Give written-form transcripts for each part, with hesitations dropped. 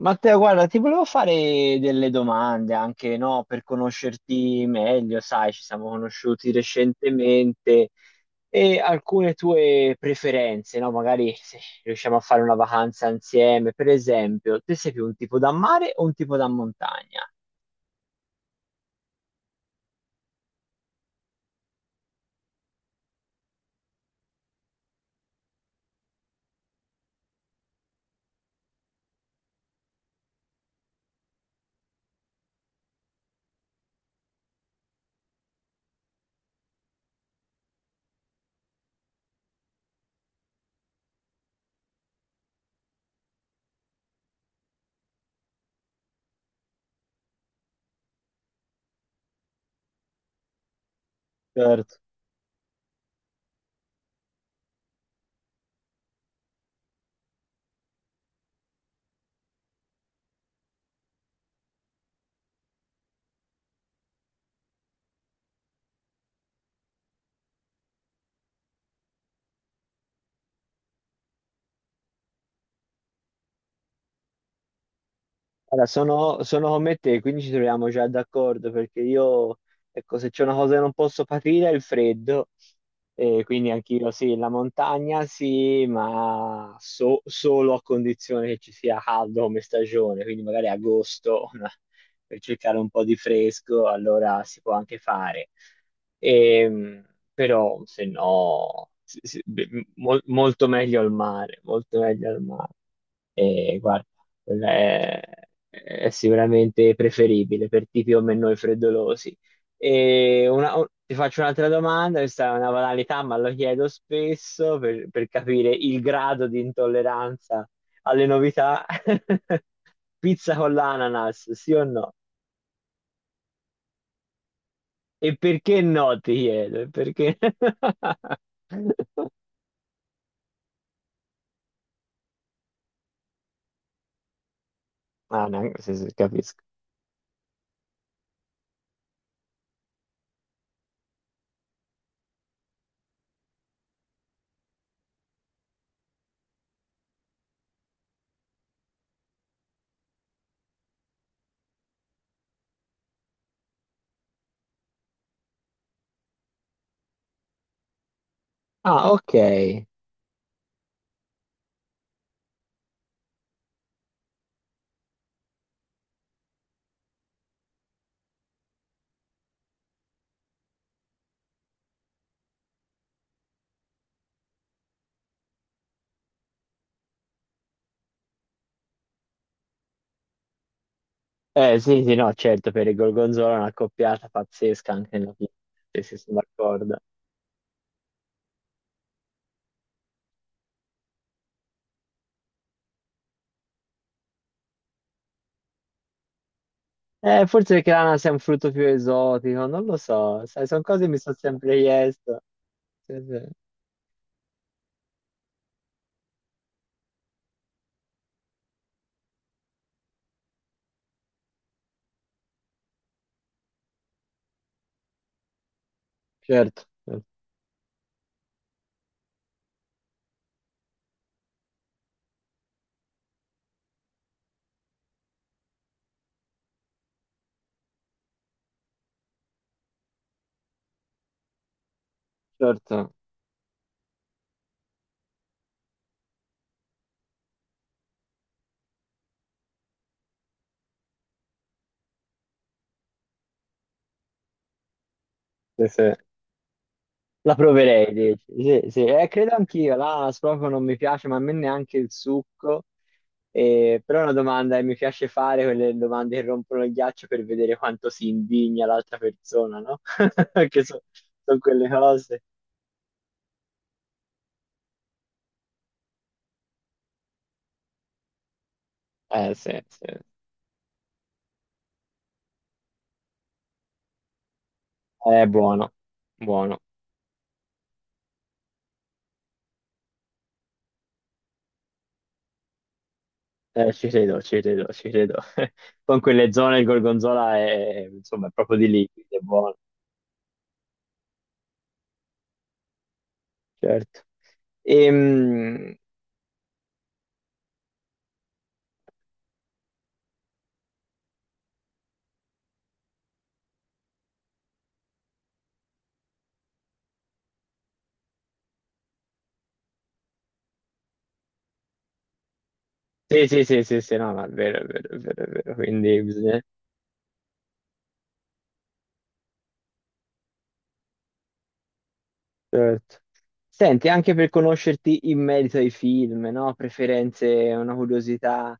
Matteo, guarda, ti volevo fare delle domande anche, no, per conoscerti meglio, sai, ci siamo conosciuti recentemente e alcune tue preferenze, no? Magari se riusciamo a fare una vacanza insieme, per esempio, te sei più un tipo da mare o un tipo da montagna? Certo. Allora, sono come te, quindi ci troviamo già d'accordo perché io, ecco, se c'è una cosa che non posso patire è il freddo, e quindi anch'io sì, la montagna sì, ma solo a condizione che ci sia caldo come stagione, quindi magari agosto una- per cercare un po' di fresco, allora si può anche fare. Ehm, Però se no, sì, sì, beh, molto meglio al mare, molto meglio al mare. E guarda è, è sicuramente preferibile per tipi come noi freddolosi. E una- o- ti faccio un'altra domanda, questa è una banalità, ma lo chiedo spesso per capire il grado di intolleranza alle novità. Pizza con l'ananas, sì o no? E perché no, ti chiedo, e perché... Ah, no, sì, sì, capisco. Ah, ok. Eh sì, sì, no, certo, per il Gorgonzola è una coppiata pazzesca anche nella pizza, sì, sì, sono d'accordo. Forse perché l'ananas è un frutto più esotico, non lo so, sai, sono cose che mi sono sempre chiesto. Sì, sì. Certo, certo, sì, sì. La proverei, dici. Sì, sì, credo anch'io, l'ananas proprio non mi piace, ma a me neanche il succo, però è una domanda che mi piace fare, quelle domande che rompono il ghiaccio per vedere quanto si indigna l'altra persona, no? Perché sono quelle cose. Eh sì, sì. È buono, buono. Ci credo, ci credo, ci credo. Con quelle zone il gorgonzola è, insomma, è proprio di lì, quindi è buono, certo. Ehm, sì, sì, sì, sì, sì, no, no, è vero, è vero, è vero, è vero. Quindi bisogna... Certo. Senti, anche per conoscerti in merito ai film, no? Preferenze, una curiosità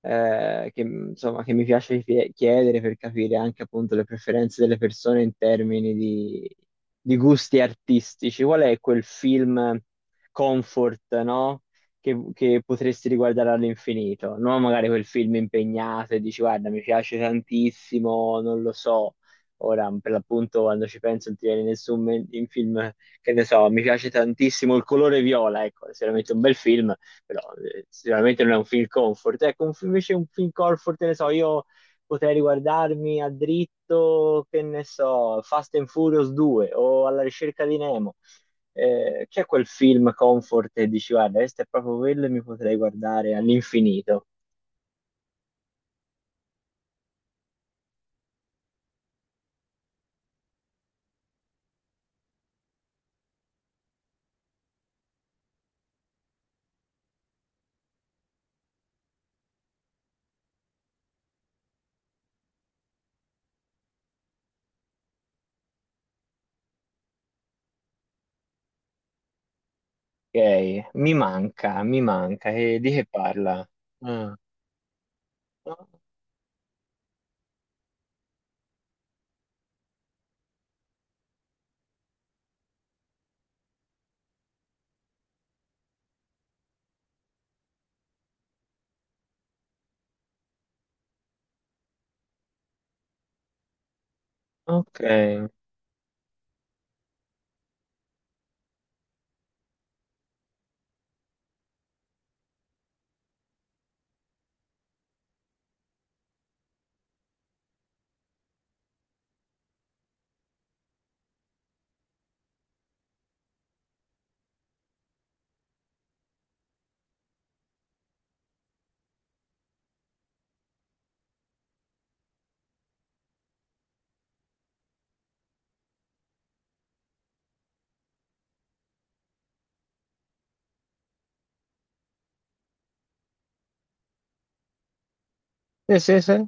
che, insomma, che mi piace chiedere per capire anche appunto le preferenze delle persone in termini di gusti artistici. Qual è quel film comfort, no? Che potresti riguardare all'infinito? Non magari quel film impegnato e dici, guarda, mi piace tantissimo, non lo so. Ora, per l'appunto, quando ci penso, non ti viene nessun in film che ne so, mi piace tantissimo il colore viola, ecco, è sicuramente un bel film, però sicuramente non è un film comfort. Ecco, un film- invece un film comfort, che ne so, io potrei riguardarmi a dritto, che ne so, Fast and Furious 2 o Alla ricerca di Nemo. C'è quel film comfort e dici, guarda, questo è proprio quello e mi potrei guardare all'infinito. Ok, mi manca, mi manca. E di che parla? Ah, ok. Sì, sì, sì.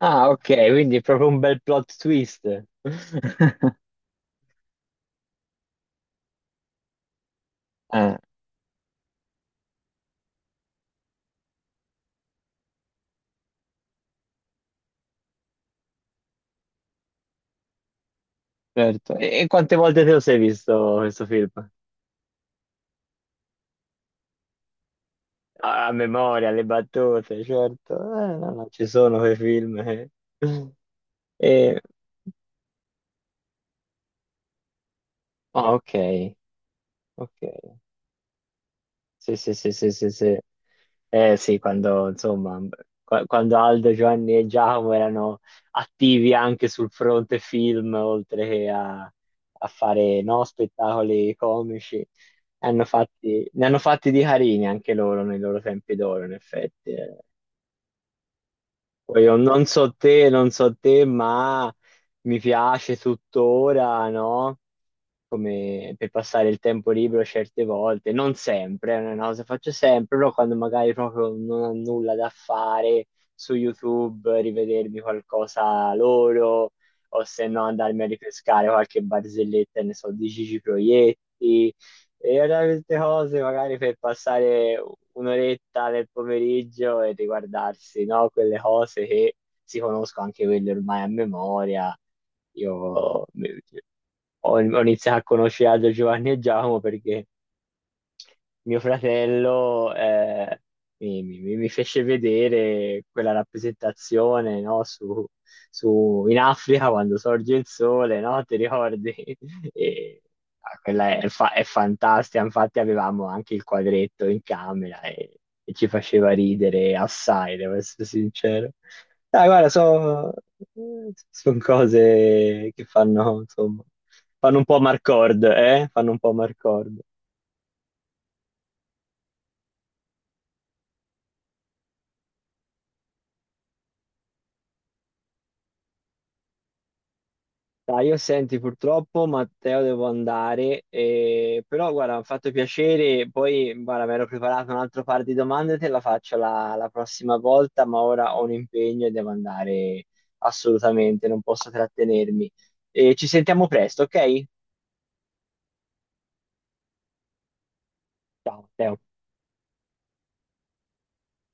Ah, ok, quindi è proprio un bel plot twist. Ah, certo. E quante volte te lo sei visto questo film? Ah, a memoria, le battute, certo. No, no, ci sono quei film. Eh. E- ah, ok, ok. Sì, sì, sì, sì, sì, sì. Eh sì, quando insomma, quando Aldo, Giovanni e Giacomo erano attivi anche sul fronte film, oltre che a, a fare no, spettacoli comici, ne hanno fatti di carini anche loro nei loro tempi d'oro, in effetti. Eh. Poi io non so te, ma mi piace tuttora, no? Come per passare il tempo libero certe volte, non sempre, non è una cosa che faccio sempre, però quando magari proprio non ho nulla da fare su YouTube, rivedermi qualcosa loro, o se no andarmi a ripescare qualche barzelletta, ne so, di Gigi Proietti, e allora queste cose magari per passare un'oretta del pomeriggio e riguardarsi, no? Quelle cose che si conosco anche quelle ormai a memoria. Io ho iniziato a conoscere Aldo, Giovanni e Giacomo perché mio fratello mi fece vedere quella rappresentazione, no, su, in Africa quando sorge il sole, no? Ti ricordi? E, ah, quella è, è fantastica, infatti avevamo anche il quadretto in camera e ci faceva ridere assai, devo essere sincero. Dai, guarda, sono cose che fanno, insomma, fanno un po' Marcord, eh? Fanno un po' Marcord. Dai, io senti purtroppo Matteo devo andare, però guarda, mi ha fatto piacere, poi guarda, mi ero preparato un altro par di domande, te la faccio la prossima volta, ma ora ho un impegno e devo andare assolutamente, non posso trattenermi. Ci sentiamo presto, ok? Ciao, Matteo.